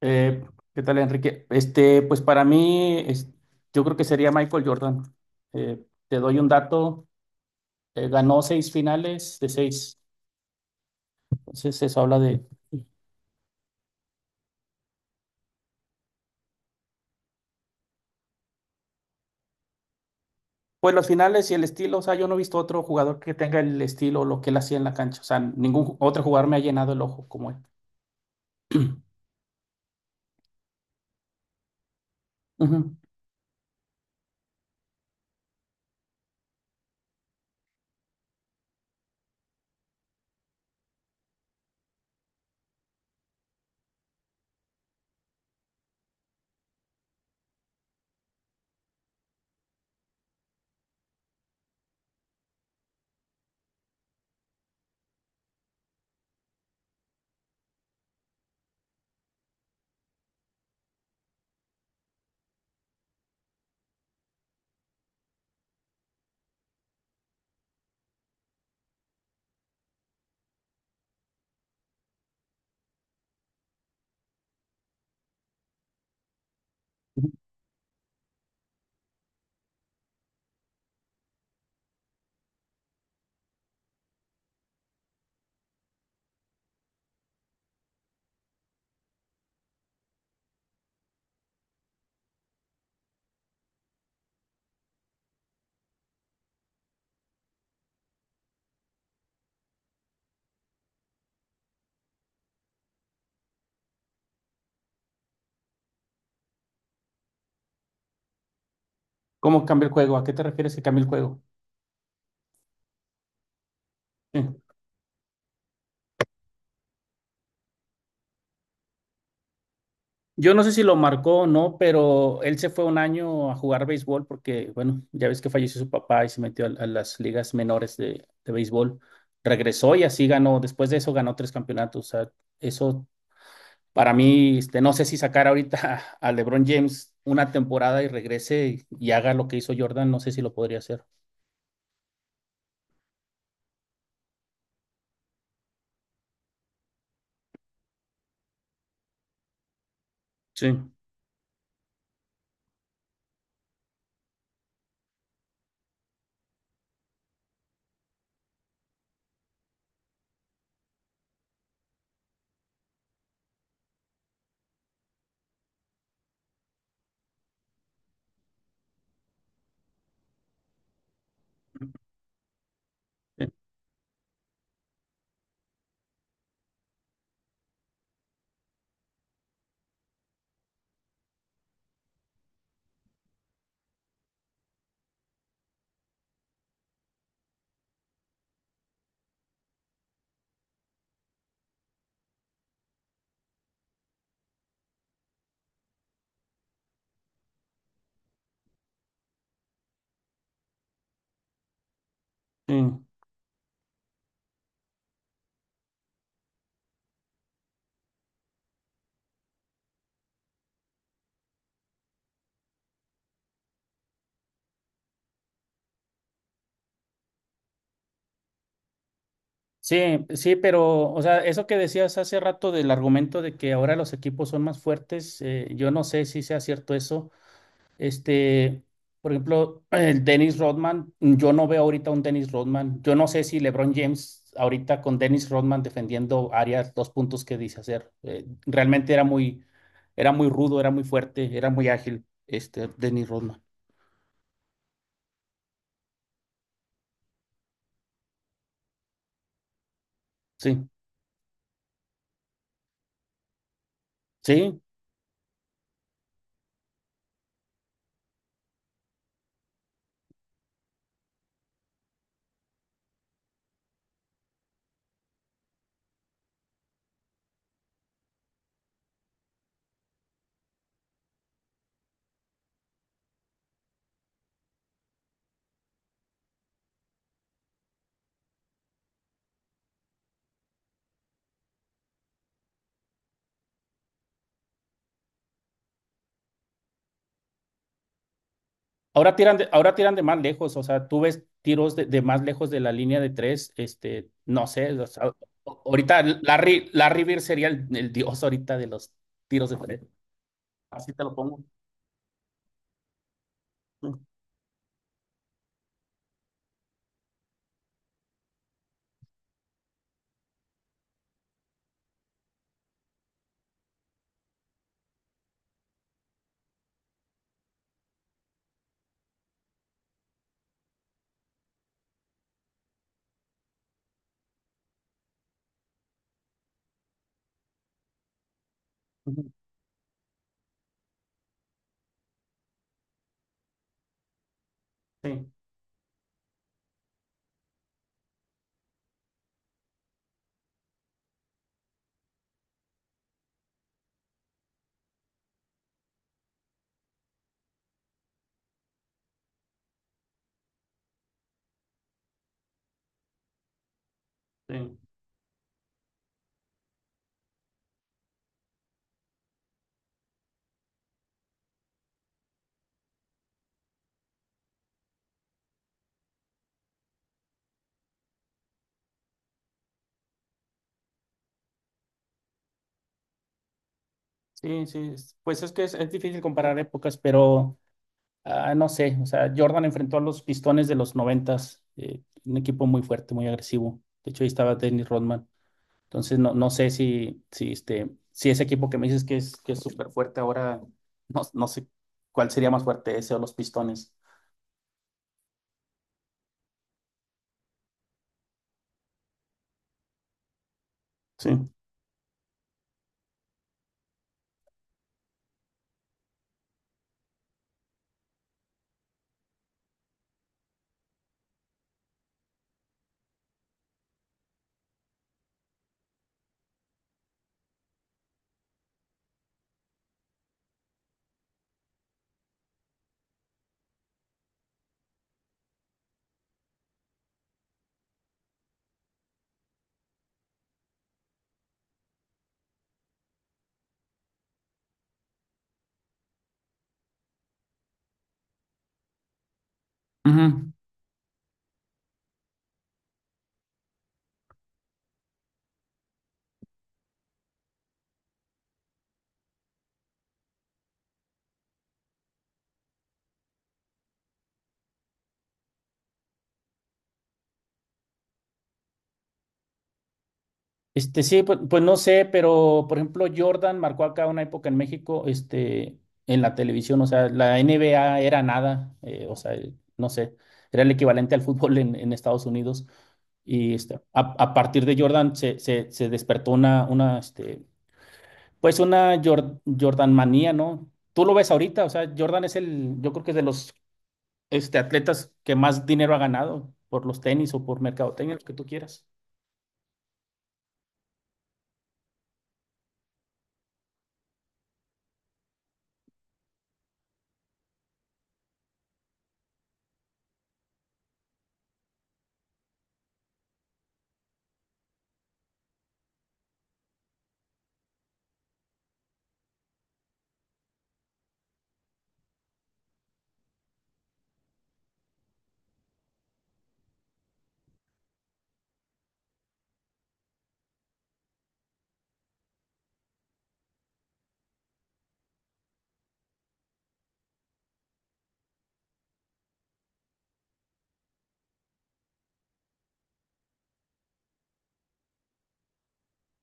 Eh, ¿Qué tal, Enrique? Pues para mí, yo creo que sería Michael Jordan. Te doy un dato, ganó seis finales de seis. Entonces eso habla de, pues los finales y el estilo. O sea, yo no he visto otro jugador que tenga el estilo, lo que él hacía en la cancha. O sea, otro jugador me ha llenado el ojo como él. Ujú. Ujú. ¿Cómo cambia el juego? ¿A qué te refieres que cambia el juego? Sí. Yo no sé si lo marcó o no, pero él se fue un año a jugar béisbol porque, bueno, ya ves que falleció su papá y se metió a las ligas menores de béisbol. Regresó y así ganó. Después de eso ganó tres campeonatos. O sea, eso para mí, no sé si sacar ahorita a LeBron James una temporada y regrese y haga lo que hizo Jordan, no sé si lo podría hacer. Sí, sí, sí. Sí, sí, pero, o sea, eso que decías hace rato del argumento de que ahora los equipos son más fuertes, yo no sé si sea cierto eso. Este, por ejemplo, el Dennis Rodman, yo no veo ahorita un Dennis Rodman. Yo no sé si LeBron James ahorita con Dennis Rodman defendiendo áreas, dos puntos que dice hacer. Realmente era muy rudo, era muy fuerte, era muy ágil, este Dennis Rodman. Sí, sí. Ahora tiran de más lejos, o sea, tú ves tiros de más lejos de la línea de tres, no sé, o sea, ahorita Larry Bird sería el dios ahorita de los tiros de tres. Así te lo pongo. Sí, sí, sí, sí. Pues es que es difícil comparar épocas, pero no sé, o sea, Jordan enfrentó a los Pistones de los noventas, un equipo muy fuerte, muy agresivo. De hecho, ahí estaba Dennis Rodman. Entonces, no, no sé si, si ese equipo que me dices que es súper fuerte ahora, no, no sé cuál sería más fuerte, ese o los Pistones. Sí. Ujú. Sí, pues, pues no sé, pero por ejemplo, Jordan marcó acá una época en México, en la televisión, o sea, la NBA era nada, o sea, no sé, era el equivalente al fútbol en Estados Unidos. Y este, a partir de Jordan se despertó pues una Jordan manía, ¿no? Tú lo ves ahorita, o sea, Jordan es el, yo creo que es de los atletas que más dinero ha ganado por los tenis o por mercadotecnia, lo que tú quieras.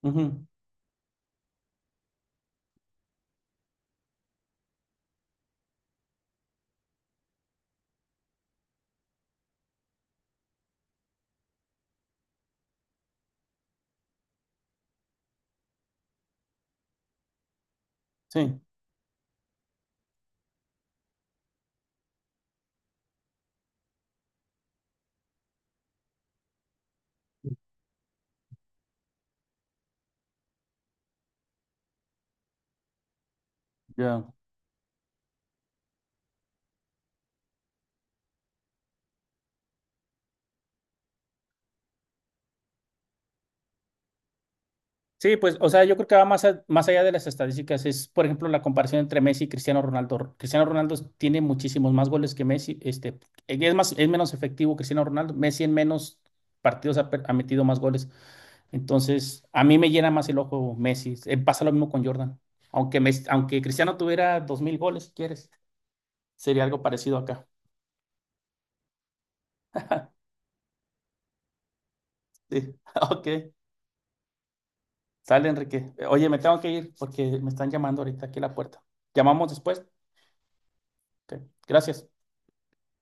Ujú. Sí, ya. Sí, pues, o sea, yo creo que va más, más allá de las estadísticas. Es, por ejemplo, la comparación entre Messi y Cristiano Ronaldo. Cristiano Ronaldo tiene muchísimos más goles que Messi. Es más, es menos efectivo Cristiano Ronaldo. Messi en menos partidos ha metido más goles. Entonces, a mí me llena más el ojo Messi. Pasa lo mismo con Jordan. Aunque, aunque Cristiano tuviera 2000 goles, si quieres, sería algo parecido acá. Sí, ok. Sale, Enrique. Oye, me tengo que ir porque me están llamando ahorita aquí a la puerta. ¿Llamamos después? Ok. Gracias.